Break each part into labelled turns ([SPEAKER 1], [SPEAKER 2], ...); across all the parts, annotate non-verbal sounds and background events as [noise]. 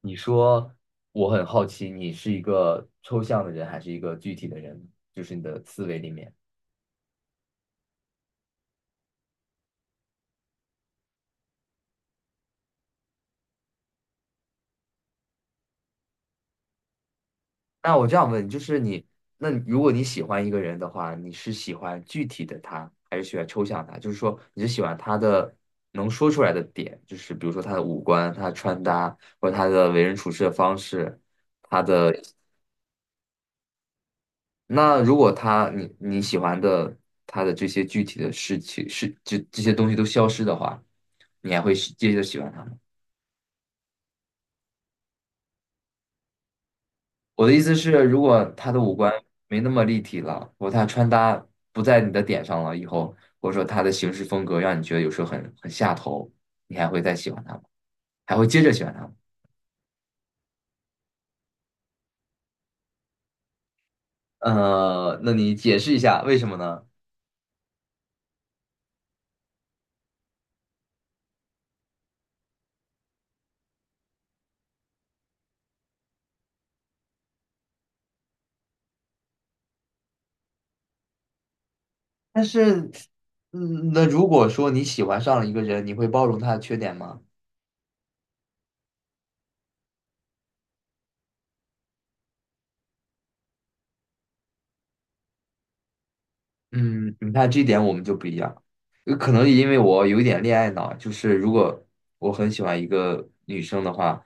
[SPEAKER 1] 你说我很好奇，你是一个抽象的人还是一个具体的人？就是你的思维里面。那我这样问，就是你，那你如果你喜欢一个人的话，你是喜欢具体的他，还是喜欢抽象他？就是说，你是喜欢他的能说出来的点，就是比如说他的五官、他的穿搭，或者他的为人处事的方式，他的。那如果你喜欢的他的这些具体的事情是这些东西都消失的话，你还会是接着喜欢他吗？我的意思是，如果他的五官没那么立体了，或者他穿搭不在你的点上了以后，或者说他的行事风格让你觉得有时候很下头，你还会再喜欢他吗？还会接着喜欢他吗？那你解释一下为什么呢？但是，那如果说你喜欢上了一个人，你会包容他的缺点吗？嗯，你看这点我们就不一样，可能因为我有一点恋爱脑，就是如果我很喜欢一个女生的话，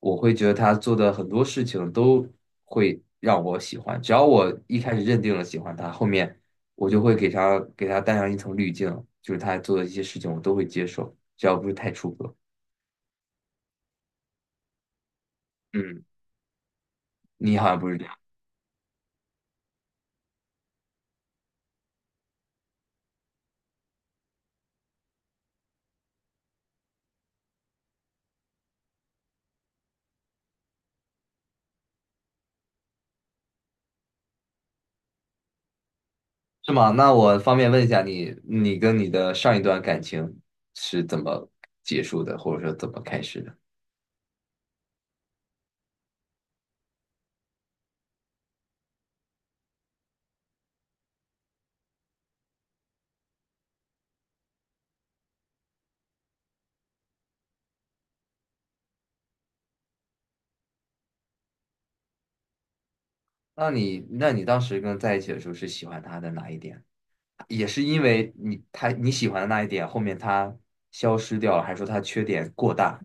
[SPEAKER 1] 我会觉得她做的很多事情都会让我喜欢，只要我一开始认定了喜欢她，后面我就会给她带上一层滤镜，就是她做的一些事情我都会接受，只要不是太出格。嗯，你好像不是这样，是吗？那我方便问一下你，你跟你的上一段感情是怎么结束的，或者说怎么开始的？那你当时跟在一起的时候是喜欢他的哪一点？也是因为你喜欢的那一点，后面他消失掉了，还是说他缺点过大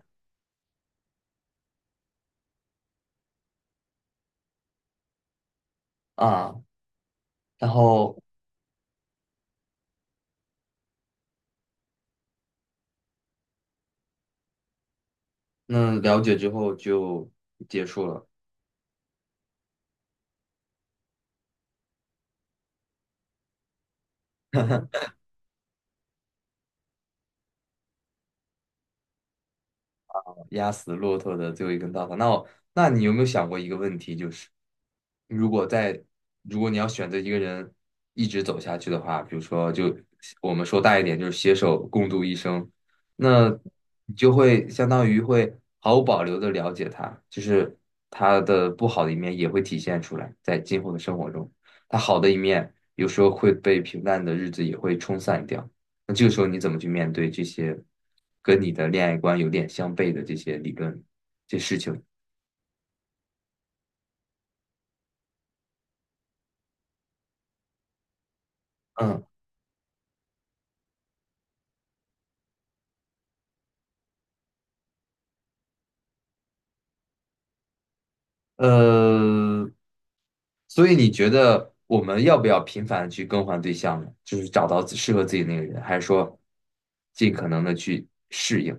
[SPEAKER 1] 啊？然后那了解之后就结束了。压死骆驼的最后一根稻草。那你有没有想过一个问题，就是如果在如果你要选择一个人一直走下去的话，比如说就我们说大一点，就是携手共度一生，那你就会相当于会毫无保留的了解他，就是他的不好的一面也会体现出来，在今后的生活中，他好的一面有时候会被平淡的日子也会冲散掉。那这个时候你怎么去面对这些跟你的恋爱观有点相悖的这些理论、这些事情？嗯，呃，所以你觉得我们要不要频繁地去更换对象呢？就是找到自适合自己那个人，还是说尽可能的去适应？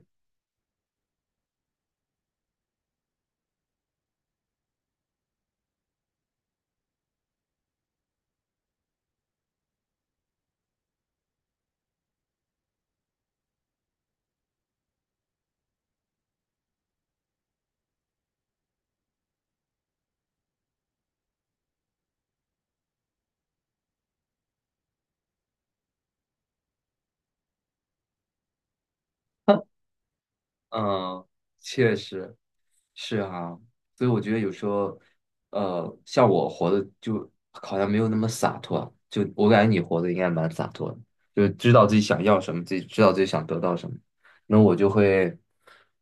[SPEAKER 1] 嗯，确实是啊，所以我觉得有时候，像我活的就好像没有那么洒脱，就我感觉你活的应该蛮洒脱的，就是知道自己想要什么，自己知道自己想得到什么。那我就会，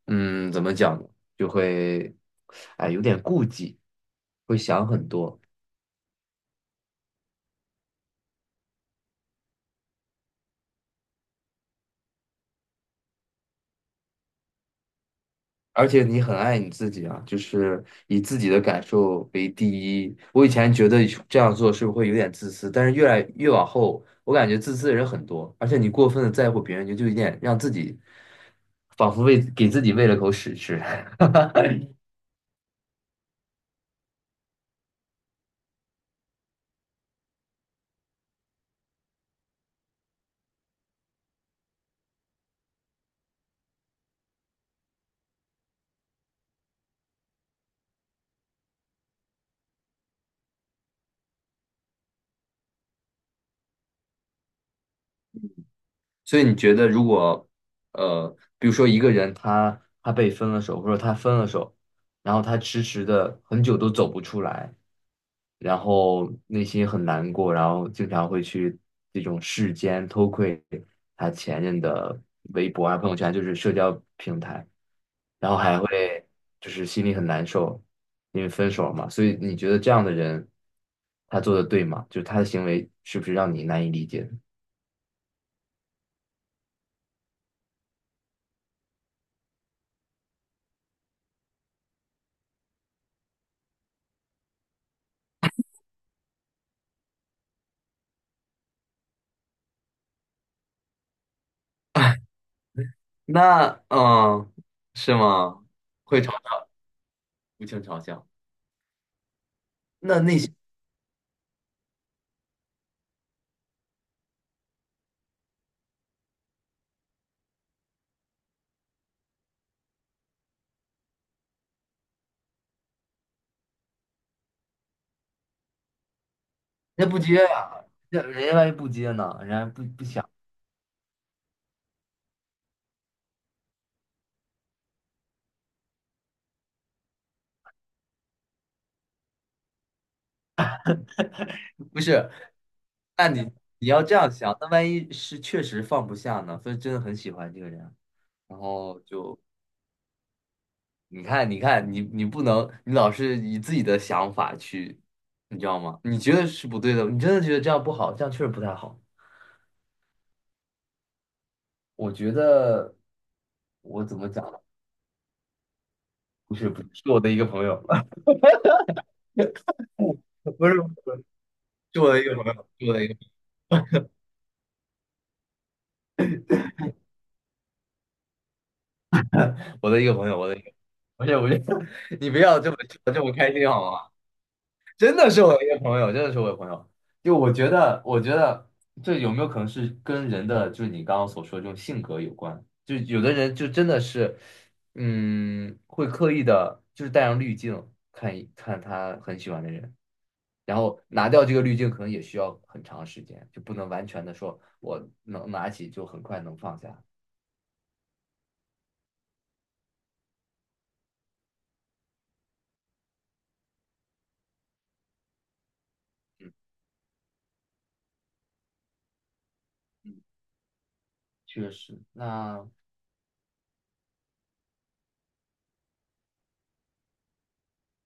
[SPEAKER 1] 怎么讲呢就会，哎，有点顾忌，会想很多。而且你很爱你自己啊，就是以自己的感受为第一。我以前觉得这样做是不是会有点自私，但是越来越往后，我感觉自私的人很多，而且你过分的在乎别人，你就有点让自己仿佛喂给自己喂了口屎吃。[laughs] 所以你觉得，如果比如说一个人他被分了手，或者他分了手，然后他迟迟的很久都走不出来。然后内心很难过，然后经常会去这种世间偷窥他前任的微博啊、朋友圈，就是社交平台，然后还会就是心里很难受，因为分手了嘛。所以你觉得这样的人，他做的对吗？就是他的行为是不是让你难以理解的 [laughs] 那是吗？会嘲笑，无情嘲笑。那些人家不接呀、人家万一不接呢？人家不想，不是。那你要这样想，那万一是确实放不下呢？所以真的很喜欢这个人，然后就你看，你看，你不能，你老是以自己的想法去，你知道吗？你觉得是不对的，你真的觉得这样不好，这样确实不太好。我觉得我怎么讲呢不是不是，是我的一个朋友，[laughs] 不是不是，是我的一个朋友，我的一个朋友，我的一个，[laughs] 不是不是，[laughs] 你不要这么开心好吗？真的是我一个朋友，真的是我一个朋友。就我觉得，我觉得这有没有可能是跟人的，就是你刚刚所说的这种性格有关？就有的人就真的是，会刻意的，就是带上滤镜看一看他很喜欢的人，然后拿掉这个滤镜，可能也需要很长时间，就不能完全的说我能拿起就很快能放下。确实，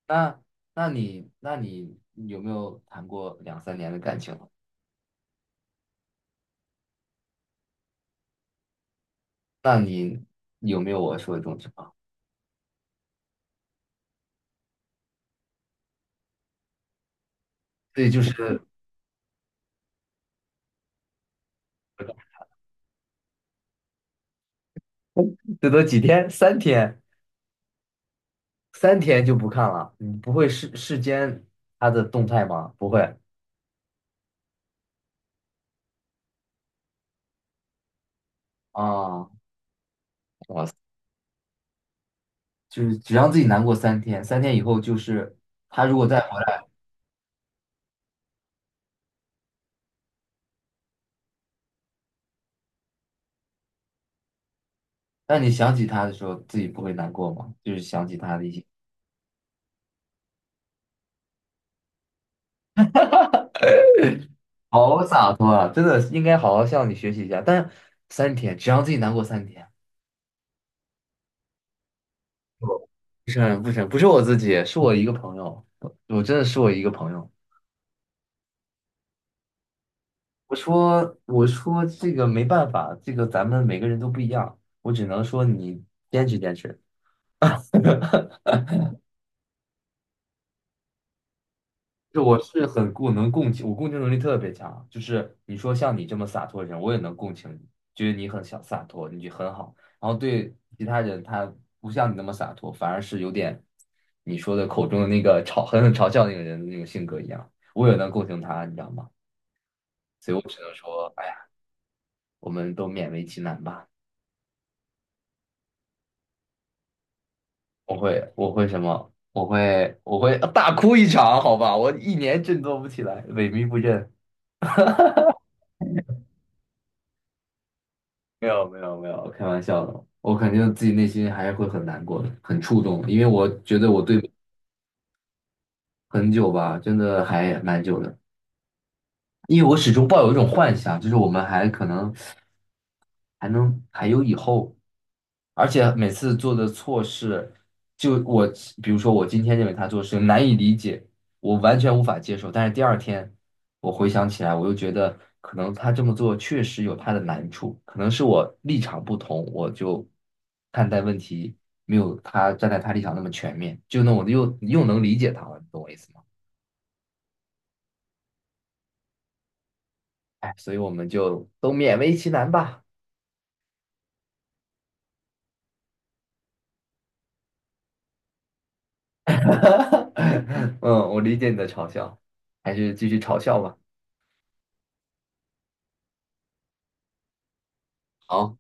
[SPEAKER 1] 那那你有没有谈过两三年的感情？那你有没有我说的这种情况？对，[laughs] 最多几天，三天，三天就不看了。你不会视奸他的动态吗？不会啊，哇塞，就是只让自己难过三天，三天以后就是他如果再回来，当你想起他的时候，自己不会难过吗？就是想起他的一些，好洒脱啊！真的应该好好向你学习一下。但三天，只让自己难过三天，不是不是不是我自己，是我一个朋友，我真的是我一个朋友。我说这个没办法，这个咱们每个人都不一样，我只能说你坚持坚持。[laughs] 就我是很能共情，我共情能力特别强。就是你说像你这么洒脱的人，我也能共情你，觉得你很小洒脱，你就很好。然后对其他人，他不像你那么洒脱，反而是有点你说的口中的那个狠狠嘲笑那个人的那种性格一样。我也能共情他，你知道吗？所以我只能说，哎呀，我们都勉为其难吧。我会，我会什么？我会大哭一场，好吧？我一年振作不起来，萎靡不振。没有，没有，没有，开玩笑的。我肯定自己内心还是会很难过的，很触动的因为我觉得我对很久吧，真的还蛮久的。因为我始终抱有一种幻想，就是我们还可能还能还有以后。而且每次做的错事，就我比如说我今天认为他做事难以理解，我完全无法接受，但是第二天我回想起来，我又觉得可能他这么做确实有他的难处，可能是我立场不同，我就看待问题没有他站在他立场那么全面，就那我又能理解他了，你懂我意思吗？哎，所以我们就都勉为其难吧。[laughs] 嗯，我理解你的嘲笑，还是继续嘲笑吧。好，